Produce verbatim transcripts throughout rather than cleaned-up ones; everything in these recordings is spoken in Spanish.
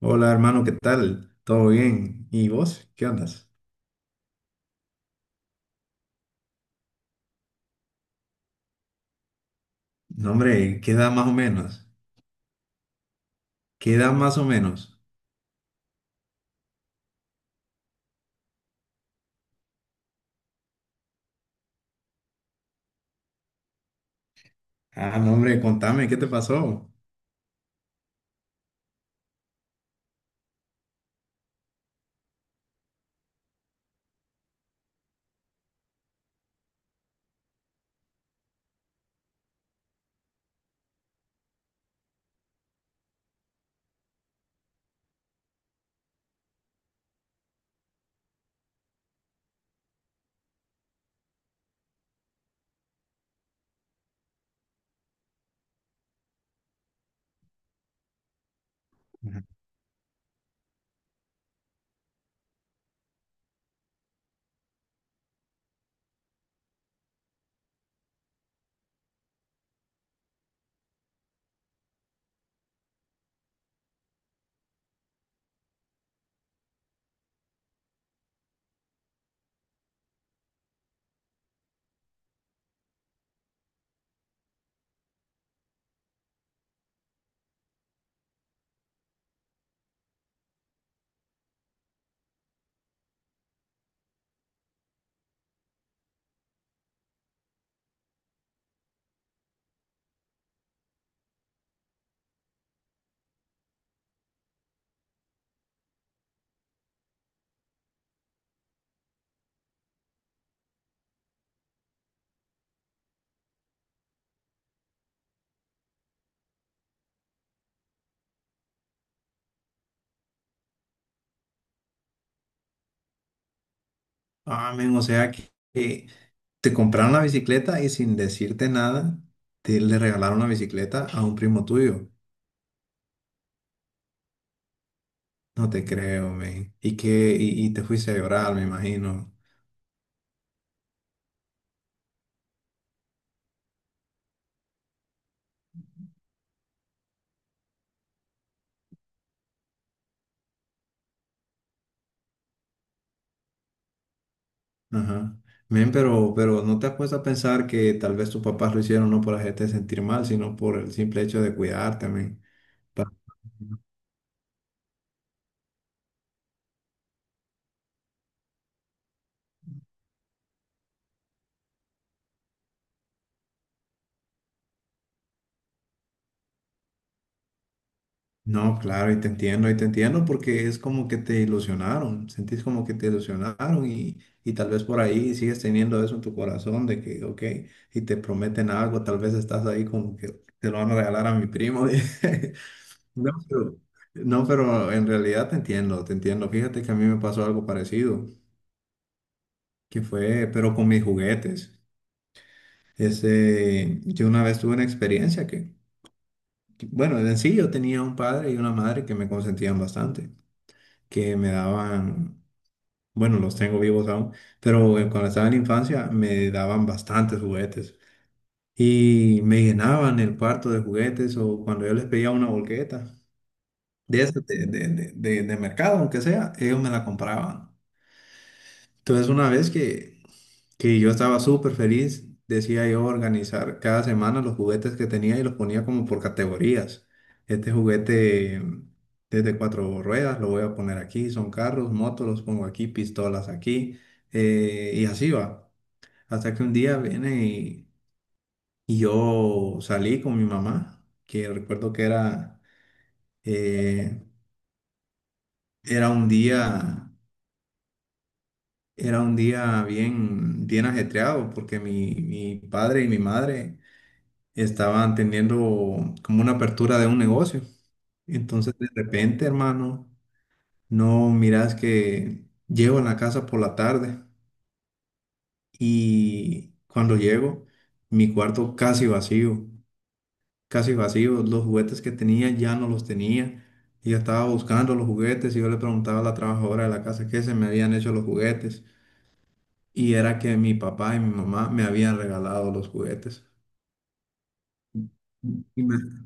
Hola hermano, ¿qué tal? ¿Todo bien? ¿Y vos? ¿Qué andas? No, hombre, ¿qué edad más o menos? ¿Qué edad más o menos? Ah, no, hombre, contame, ¿qué te pasó? Ujú. Ah, men, o sea que que te compraron la bicicleta y sin decirte nada, te le regalaron la bicicleta a un primo tuyo. No te creo, men. Y que, y, y te fuiste a llorar, me imagino. Ajá. Men, pero, pero no te has puesto a pensar que tal vez tus papás lo hicieron no por hacerte sentir mal, sino por el simple hecho de cuidarte, men. No, claro, y te entiendo, y te entiendo porque es como que te ilusionaron, sentís como que te ilusionaron y, y tal vez por ahí sigues teniendo eso en tu corazón de que, ok, y te prometen algo, tal vez estás ahí como que te lo van a regalar a mi primo. No, pero, no, pero en realidad te entiendo, te entiendo. Fíjate que a mí me pasó algo parecido, que fue, pero con mis juguetes. Ese, yo una vez tuve una experiencia que, que, bueno, en sí yo tenía un padre y una madre que me consentían bastante. Que me daban, bueno, los tengo vivos aún, pero eh, cuando estaba en la infancia me daban bastantes juguetes y me llenaban el cuarto de juguetes o cuando yo les pedía una bolqueta de, esas de, de, de, de- de mercado, aunque sea, ellos me la compraban. Entonces, una vez que, que yo estaba súper feliz, decía yo organizar cada semana los juguetes que tenía y los ponía como por categorías. Este juguete desde cuatro ruedas lo voy a poner aquí, son carros, motos, los pongo aquí, pistolas aquí, eh, y así va. Hasta que un día viene y, y yo salí con mi mamá, que recuerdo que era, eh, era un día. Era un día bien, bien ajetreado porque mi, mi padre y mi madre estaban teniendo como una apertura de un negocio. Entonces, de repente, hermano, no miras que llego a la casa por la tarde y cuando llego, mi cuarto casi vacío, casi vacío. Los juguetes que tenía ya no los tenía. Ella estaba buscando los juguetes y yo le preguntaba a la trabajadora de la casa qué se me habían hecho los juguetes. Y era que mi papá y mi mamá me habían regalado los juguetes. Y me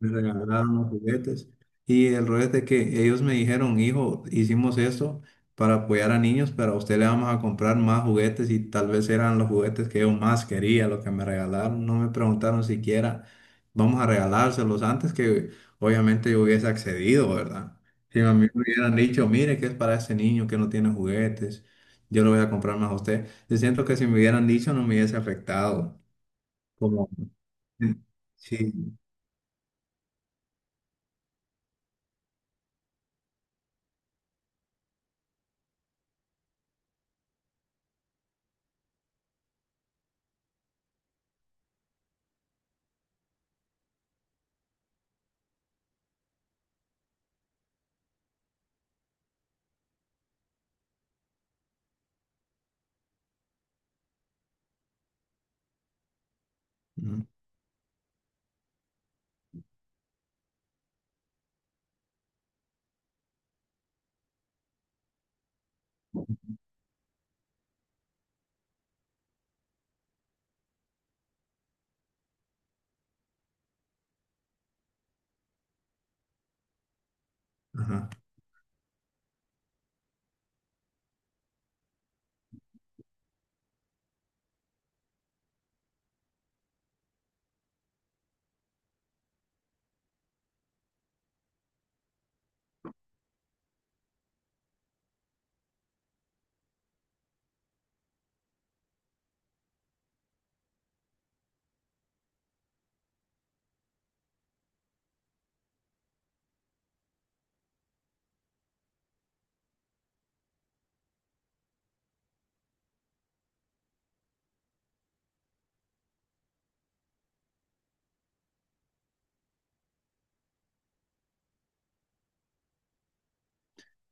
me regalaron los juguetes. Y el rollo es de que ellos me dijeron, hijo, hicimos esto para apoyar a niños, pero a usted le vamos a comprar más juguetes y tal vez eran los juguetes que yo más quería, los que me regalaron. No me preguntaron siquiera, vamos a regalárselos antes que obviamente yo hubiese accedido, ¿verdad? Si a mí me hubieran dicho, mire, que es para ese niño que no tiene juguetes, yo lo voy a comprar más a usted. Yo siento que si me hubieran dicho no me hubiese afectado. Como, sí. ¿No? Ajá.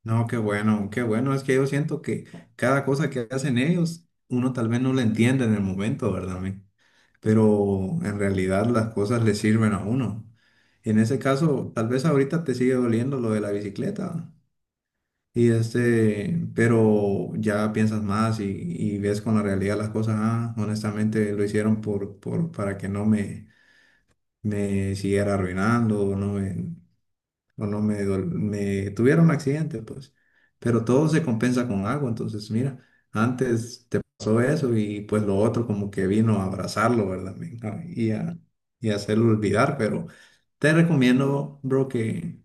No, qué bueno, qué bueno. Es que yo siento que cada cosa que hacen ellos, uno tal vez no la entiende en el momento, ¿verdad, men? Pero en realidad las cosas le sirven a uno. En ese caso, tal vez ahorita te sigue doliendo lo de la bicicleta. Y este, pero ya piensas más y, y ves con la realidad las cosas. Ah, honestamente lo hicieron por, por, para que no me, me siguiera arruinando, no me, o no me, dol- me tuvieron un accidente, pues. Pero todo se compensa con algo, entonces mira, antes te pasó eso y pues lo otro como que vino a abrazarlo, ¿verdad, men? Ah, y a, y a hacerlo olvidar, pero te recomiendo, bro, que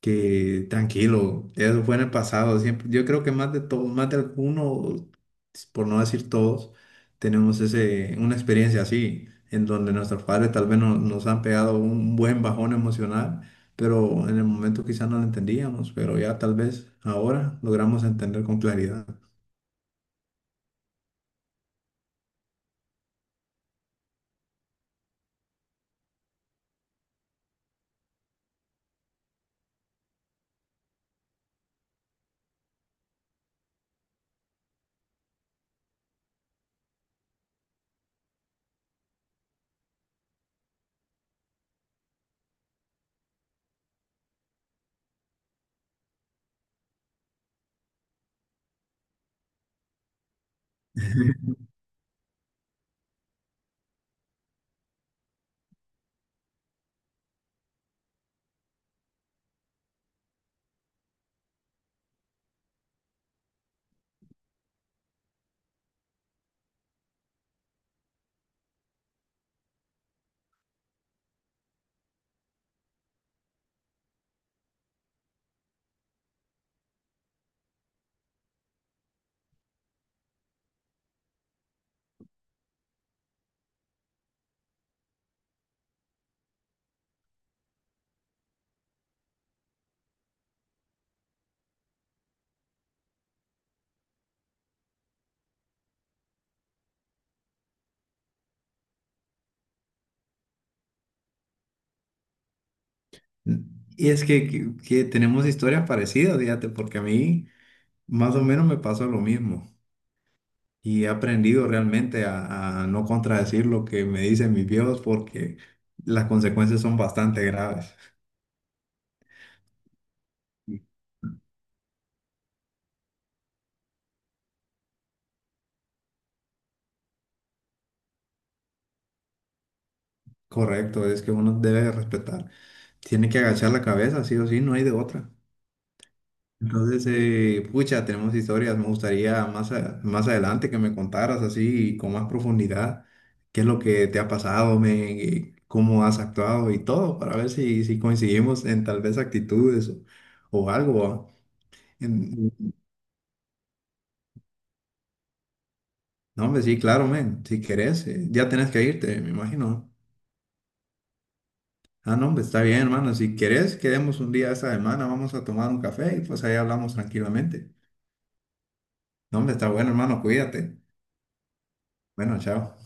que tranquilo, eso fue en el pasado. Siempre, yo creo que más de todo, más de alguno, por no decir todos, tenemos ese, una experiencia así, en donde nuestros padres tal vez no- nos han pegado un buen bajón emocional, pero en el momento quizás no lo entendíamos, pero ya tal vez ahora logramos entender con claridad. Y es que, que, que tenemos historias parecidas, fíjate, porque a mí más o menos me pasó lo mismo. Y he aprendido realmente a, a no contradecir lo que me dicen mis viejos porque las consecuencias son bastante graves. Correcto, es que uno debe respetar. Tiene que agachar la cabeza, sí o sí, no hay de otra. Entonces, eh, pucha, tenemos historias. Me gustaría más, a- más adelante que me contaras así con más profundidad qué es lo que te ha pasado, men, y cómo has actuado y todo, para ver si, si coincidimos en tal vez actitudes o, o algo. ¿Va? En- No, hombre, sí, claro, men. Si querés, eh, ya tenés que irte, me imagino. Ah, no, hombre, está bien, hermano. Si querés, quedemos un día esta semana, vamos a tomar un café y pues ahí hablamos tranquilamente. No, hombre, está bueno, hermano, cuídate. Bueno, chao.